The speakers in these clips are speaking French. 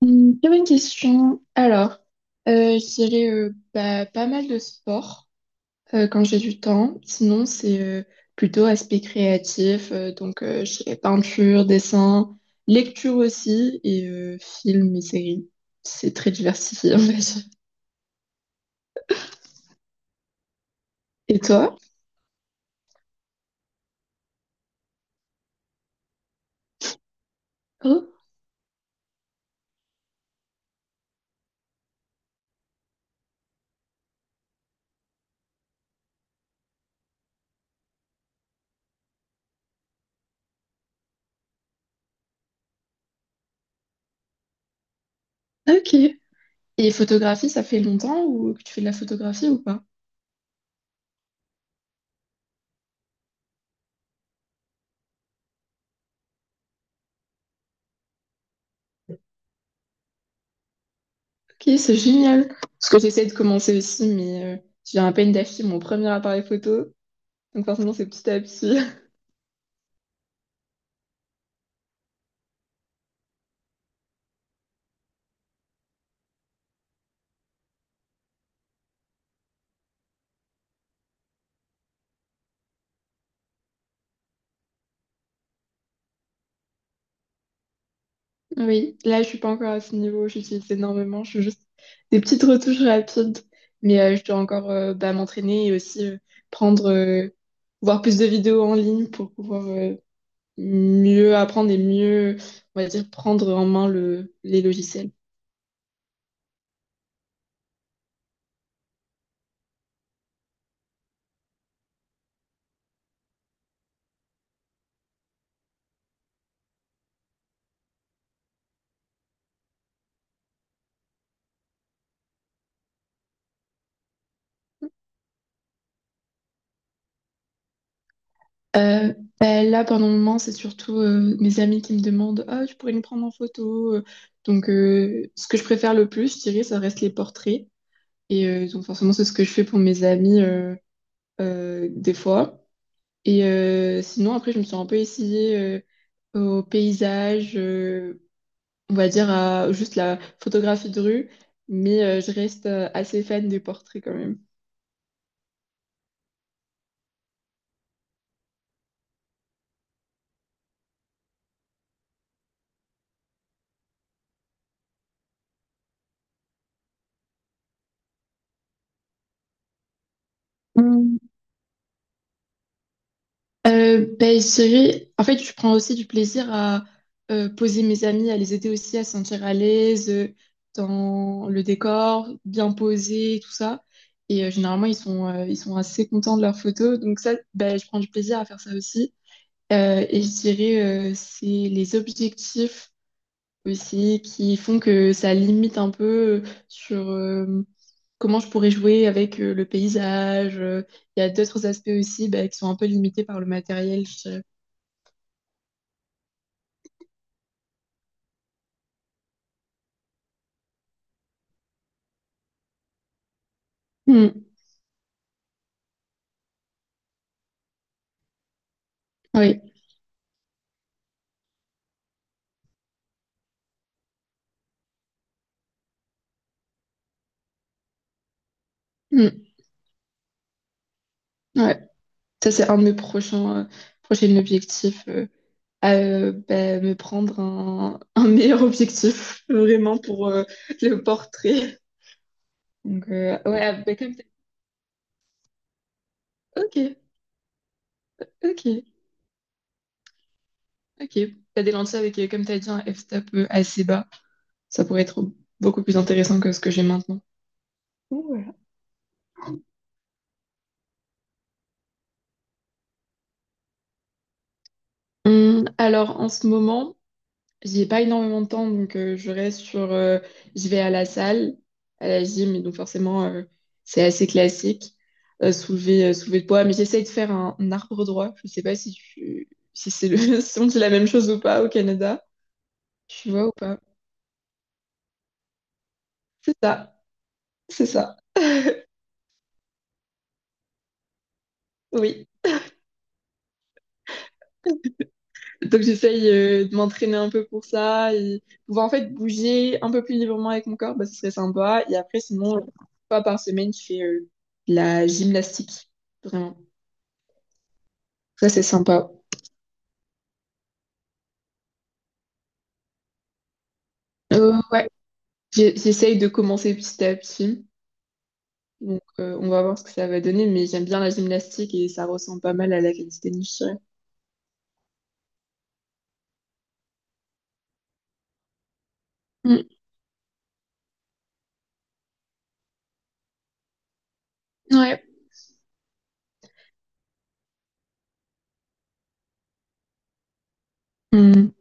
Très bonne question. Alors, je dirais pas mal de sport quand j'ai du temps. Sinon, c'est plutôt aspect créatif. Donc, je dirais peinture, dessin, lecture aussi et films et séries. C'est très diversifié, on va Et toi? Oh, ok. Et photographie, ça fait longtemps ou que tu fais de la photographie ou pas? Ok, c'est génial. Parce que j'essaie de commencer aussi, mais je viens à peine d'acheter mon premier appareil photo. Donc forcément, c'est petit à petit. Oui, là, je suis pas encore à ce niveau. J'utilise énormément. Je fais juste des petites retouches rapides. Mais je dois encore m'entraîner et aussi prendre, voir plus de vidéos en ligne pour pouvoir mieux apprendre et mieux, on va dire, prendre en main le, les logiciels. Euh, là, pendant le moment, c'est surtout mes amis qui me demandent, Ah, tu pourrais me prendre en photo. Donc, ce que je préfère le plus, je dirais, ça reste les portraits. Et donc, forcément, c'est ce que je fais pour mes amis des fois. Et sinon, après, je me suis un peu essayée au paysage, on va dire à juste la photographie de rue, mais je reste assez fan des portraits quand même. Mm. Ben, je dirais- en fait, je prends aussi du plaisir à poser mes amis, à les aider aussi à se sentir à l'aise dans le décor, bien posé, tout ça. Et généralement, ils sont assez contents de leurs photos. Donc ça, ben, je prends du plaisir à faire ça aussi. Et je dirais, c'est les objectifs aussi qui font que ça limite un peu sur comment je pourrais jouer avec le paysage. Il y a d'autres aspects aussi bah, qui sont un peu limités par le matériel, je dirais. Hmm, oui, hmm, ouais. Ça, c'est un de mes prochains, prochains objectifs. À, bah, me prendre un, un meilleur objectif, vraiment, pour le portrait. Donc, ouais, bah, comme t'as- Ok, ok. Ok. T'as des lentilles avec, comme t'as dit, un f-stop assez bas. Ça pourrait être beaucoup plus intéressant que ce que j'ai maintenant. Donc, Voilà. Alors en ce moment, j'ai pas énormément de temps, donc je reste sur. Je vais à la salle, à la gym, et donc forcément, c'est assez classique. Soulever, soulever de poids, mais j'essaye de faire un arbre droit. Je sais pas si tu, si c'est le, si on dit la même chose ou pas au Canada. Tu vois ou pas? C'est ça, c'est ça. Oui. Donc j'essaye de m'entraîner un peu pour ça et pouvoir en fait bouger un peu plus librement avec mon corps, bah, ce serait sympa. Et après, sinon, une fois par semaine, je fais de la gymnastique. Vraiment. Ça, c'est sympa. Ouais, J'ai- j'essaye de commencer petit à petit. Donc on va voir ce que ça va donner, mais j'aime bien la gymnastique et ça ressemble pas mal à la calisthénie, je dirais. Mm, ouais. Mm.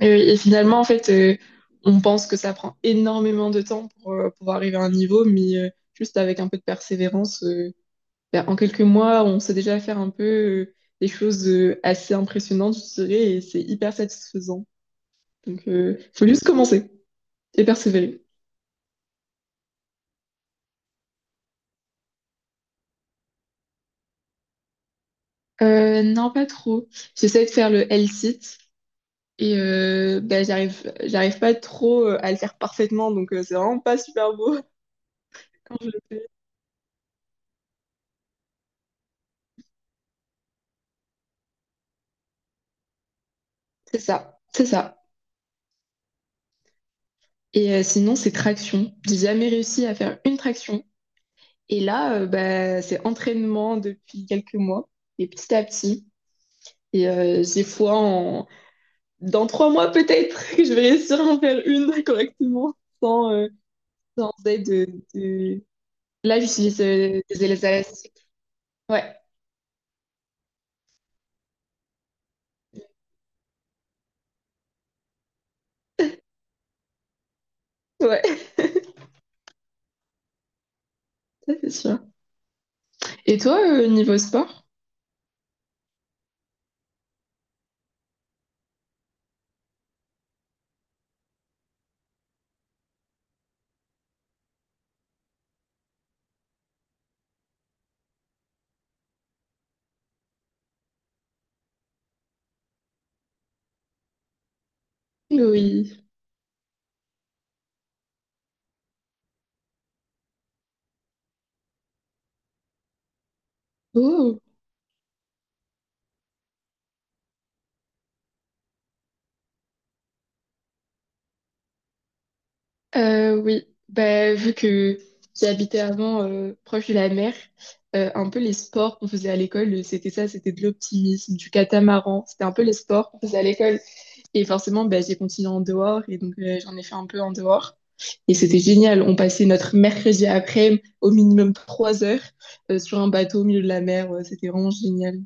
Et finalement, en fait, on pense que ça prend énormément de temps pour arriver à un niveau, mais juste avec un peu de persévérance. Ben, en quelques mois, on sait déjà faire un peu des choses assez impressionnantes, je dirais, et c'est hyper satisfaisant. Donc, faut juste commencer et persévérer. Non, pas trop. J'essaie de faire le L-sit et ben, j'arrive pas trop à le faire parfaitement, donc c'est vraiment pas super beau quand je le fais. C'est ça, c'est ça. Et sinon, c'est traction. J'ai jamais réussi à faire une traction. Et là, bah, c'est entraînement depuis quelques mois, et petit à petit. Et j'ai foi en, dans 3 mois peut-être que je vais réussir à en faire une correctement sans, sans aide de- Là, j'utilise des élèves élastiques. Ouais, ouais, ça, c'est sûr. Et toi, niveau sport? Oui. Oh, oui. Bah, vu que j'habitais avant proche de la mer, un peu les sports qu'on faisait à l'école, c'était ça, c'était de l'optimisme, du catamaran. C'était un peu les sports qu'on faisait à l'école. Et forcément, bah, j'ai continué en dehors et donc j'en ai fait un peu en dehors. Et c'était génial. On passait notre mercredi après au minimum 3 heures sur un bateau au milieu de la mer. Ouais, c'était vraiment génial.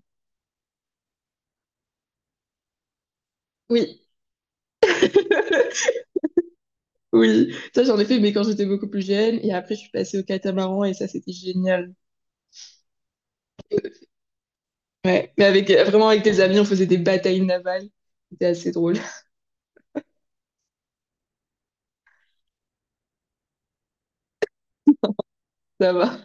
Oui, oui. Ça, j'en ai fait, mais quand j'étais beaucoup plus jeune. Et après, je suis passée au catamaran et ça, c'était génial. Ouais. Mais avec, vraiment, avec tes amis, on faisait des batailles navales. C'était assez drôle. Ça va.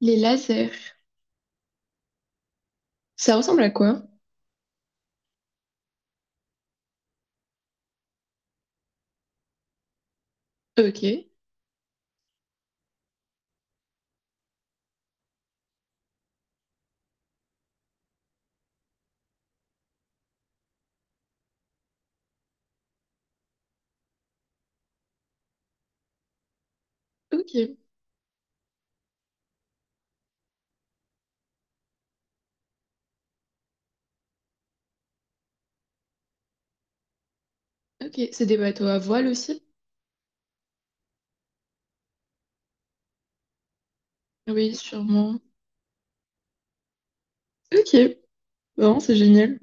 Les lasers. Ça ressemble à quoi? Ok, ok, ok. C'est des bateaux à voile aussi? Oui, sûrement. Ok, vraiment, c'est génial.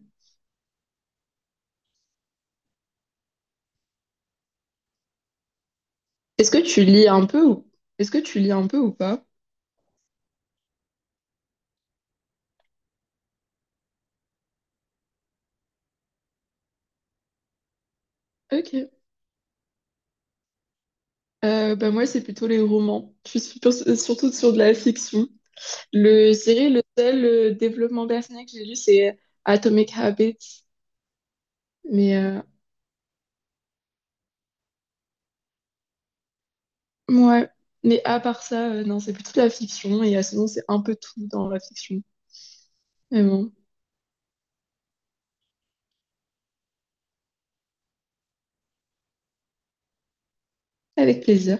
Est-ce que tu lis un peu ou... Est-ce que tu lis un peu ou pas? Ok. Bah moi, c'est plutôt les romans. Je suis super- surtout sur de la fiction. Le, je dirais le seul développement personnel que j'ai lu, c'est Atomic Habits. Mais, ouais. Mais à part ça, non, c'est plutôt de la fiction. Et à ce moment, c'est un peu tout dans la fiction. Mais bon, avec plaisir.